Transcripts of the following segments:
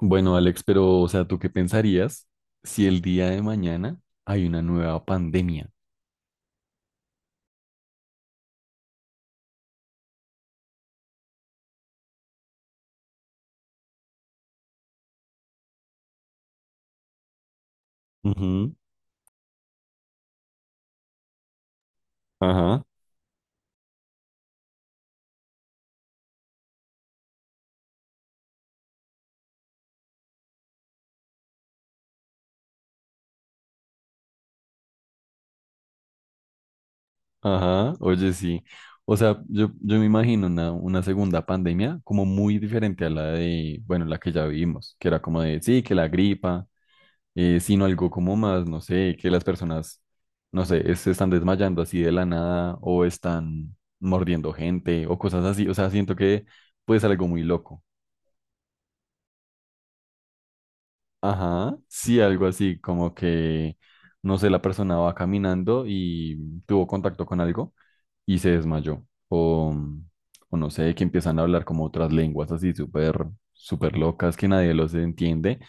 Bueno, Alex, pero, o sea, ¿tú qué pensarías si el día de mañana hay una nueva pandemia? Ujú. Ajá. Ajá, oye, sí. O sea, yo me imagino una segunda pandemia como muy diferente a la de, bueno, la que ya vivimos, que era como de, sí, que la gripa, sino algo como más, no sé, que las personas, no sé, se están desmayando así de la nada o están mordiendo gente o cosas así. O sea, siento que puede ser algo muy loco. Ajá, sí, algo así, como que, no sé, la persona va caminando y tuvo contacto con algo y se desmayó. O, o no sé, que empiezan a hablar como otras lenguas así súper, súper locas que nadie los entiende,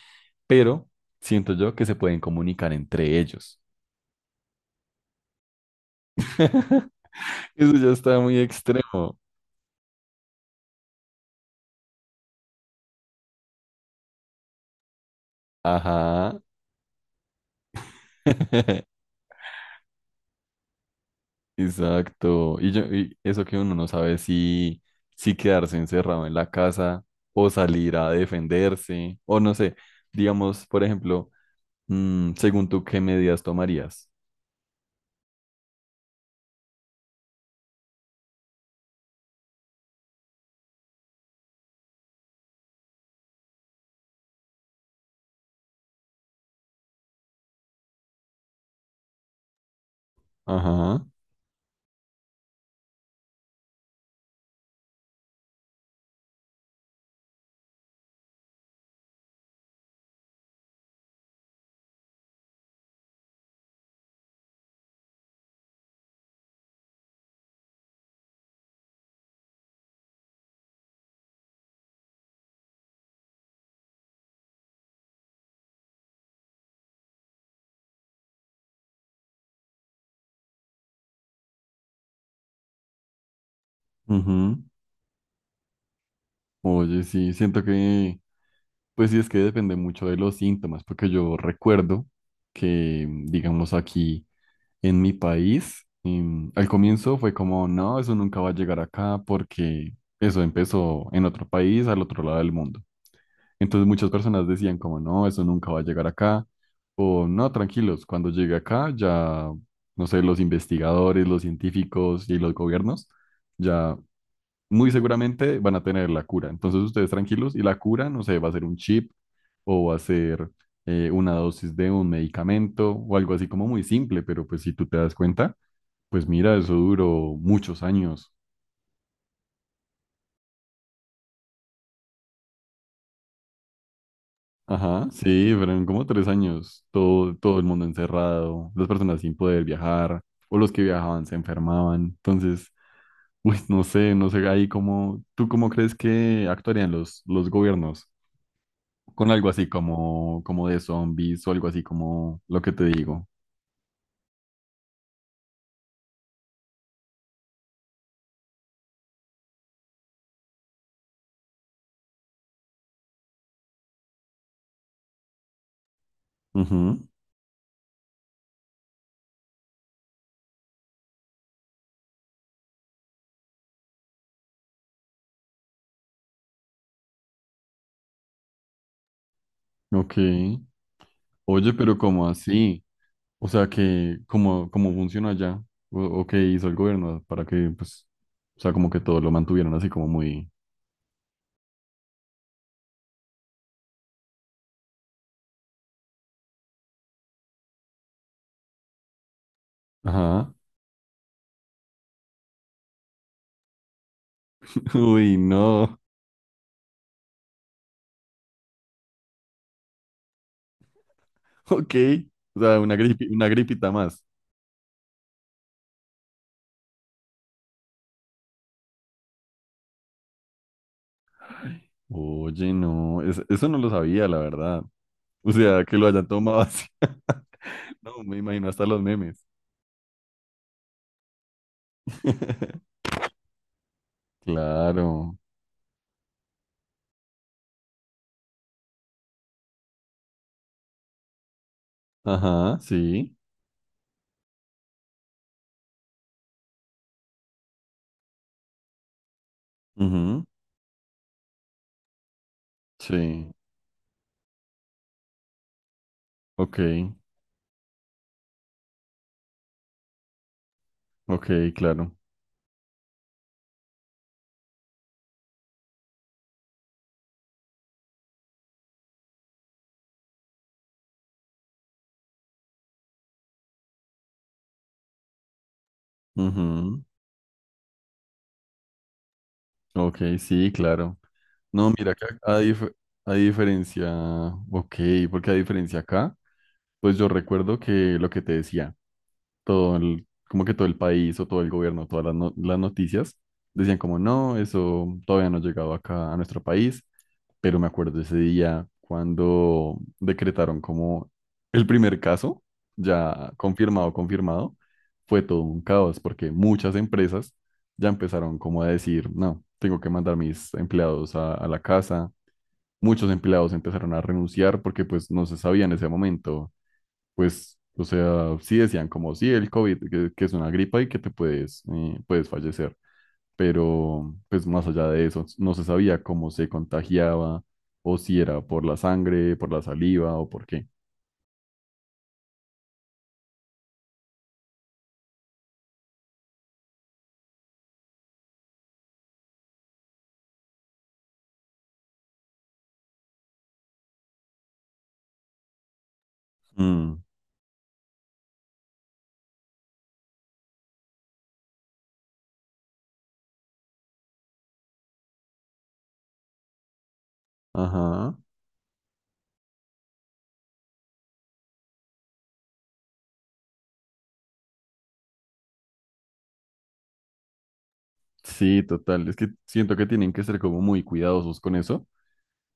pero siento yo que se pueden comunicar entre ellos. Eso ya está muy extremo. Ajá. Exacto. Y, yo, y eso que uno no sabe si, si quedarse encerrado en la casa o salir a defenderse o no sé, digamos, por ejemplo, según tú, ¿qué medidas tomarías? Ajá. Ujú. Oye, sí, siento que, pues sí, es que depende mucho de los síntomas, porque yo recuerdo que, digamos, aquí en mi país, al comienzo fue como, no, eso nunca va a llegar acá porque eso empezó en otro país, al otro lado del mundo. Entonces muchas personas decían como, no, eso nunca va a llegar acá, o no, tranquilos, cuando llegue acá ya, no sé, los investigadores, los científicos y los gobiernos ya muy seguramente van a tener la cura. Entonces ustedes tranquilos y la cura, no sé, va a ser un chip o va a ser una dosis de un medicamento o algo así como muy simple, pero pues si tú te das cuenta, pues mira, eso duró muchos años. Ajá, sí, fueron como tres años, todo el mundo encerrado, las personas sin poder viajar, o los que viajaban se enfermaban. Entonces, uy, no sé, no sé ahí cómo, ¿tú cómo crees que actuarían los gobiernos con algo así como, como de zombies o algo así como lo que te digo? Ujú. Ok. Oye, pero ¿cómo así? O sea, que, ¿cómo, cómo funciona allá? O qué hizo el gobierno para que, pues, o sea, como que todo lo mantuvieron así como muy...? Ajá. Uy, no. Ok. O sea, una gripita más. Oye, no. Eso no lo sabía, la verdad. O sea, que lo hayan tomado así. No, me imagino hasta los memes. Claro. Ajá, sí. Ujú. Sí. Ok. Ok, claro. Ujú. Ok, sí, claro. No, mira, que a, a diferencia. Ok, porque a diferencia acá. Pues yo recuerdo que lo que te decía, todo el, como que todo el país o todo el gobierno, todas las noticias, decían como, no, eso todavía no ha llegado acá a nuestro país, pero me acuerdo ese día cuando decretaron como el primer caso, ya confirmado, fue todo un caos porque muchas empresas ya empezaron como a decir, no, tengo que mandar mis empleados a la casa. Muchos empleados empezaron a renunciar porque pues no se sabía en ese momento pues, o sea, sí decían como, sí, el COVID, que es una gripa y que te puedes, puedes fallecer, pero pues más allá de eso, no se sabía cómo se contagiaba o si era por la sangre, por la saliva o por qué. Mm, ajá, sí, total, es que siento que tienen que ser como muy cuidadosos con eso,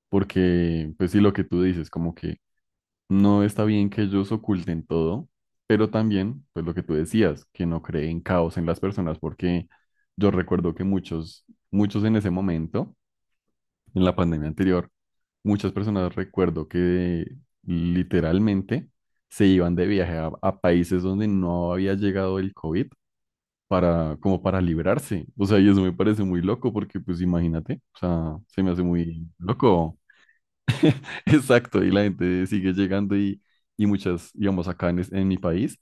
porque pues sí, lo que tú dices, como que no está bien que ellos oculten todo, pero también, pues lo que tú decías, que no creen caos en las personas, porque yo recuerdo que muchos en ese momento, en la pandemia anterior, muchas personas recuerdo que literalmente se iban de viaje a países donde no había llegado el COVID para, como para librarse. O sea, y eso me parece muy loco, porque pues imagínate, o sea, se me hace muy loco. Exacto, y la gente sigue llegando y muchas, digamos, en mi país,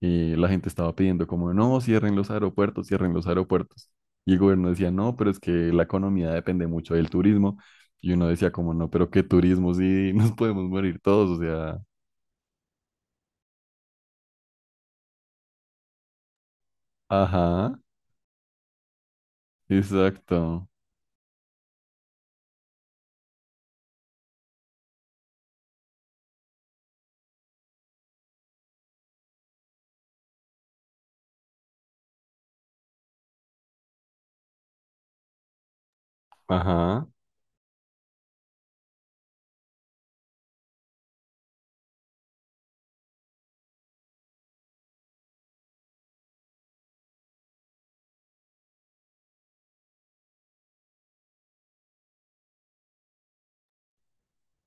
la gente estaba pidiendo como, no, cierren los aeropuertos, cierren los aeropuertos. Y el gobierno decía, no, pero es que la economía depende mucho del turismo. Y uno decía como, no, pero qué turismo, sí, nos podemos morir todos, o sea, ajá, exacto, ajá,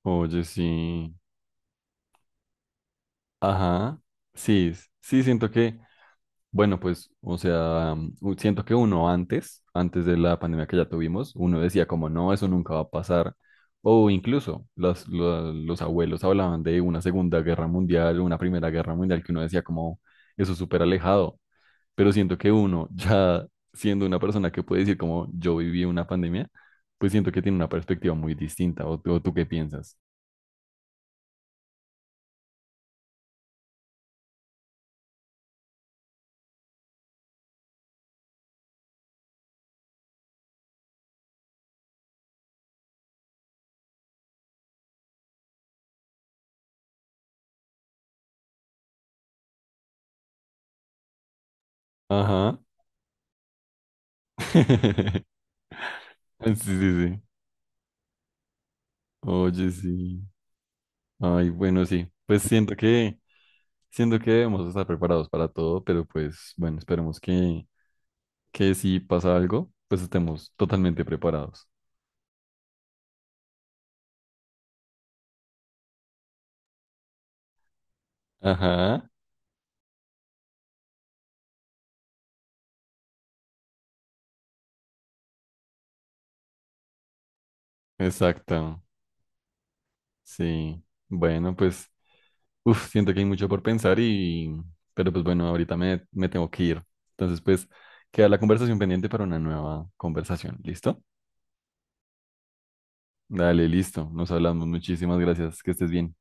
oye, sí, ajá, sí, sí, siento que bueno, pues, o sea, siento que uno antes, antes de la pandemia que ya tuvimos, uno decía como, no, eso nunca va a pasar. O incluso los abuelos hablaban de una Segunda Guerra Mundial, una Primera Guerra Mundial, que uno decía como, eso es súper alejado. Pero siento que uno, ya siendo una persona que puede decir como, yo viví una pandemia, pues siento que tiene una perspectiva muy distinta. ¿O, o tú qué piensas? Ajá. Sí, sí, sí. Oye, sí. Ay, bueno, sí. Pues siento que... Siento que debemos estar preparados para todo, pero pues bueno, esperemos que si pasa algo, pues estemos totalmente preparados. Ajá, exacto. Sí. Bueno, pues, uf, siento que hay mucho por pensar y, pero pues bueno, ahorita me tengo que ir. Entonces, pues, queda la conversación pendiente para una nueva conversación. ¿Listo? Dale, listo. Nos hablamos. Muchísimas gracias. Que estés bien.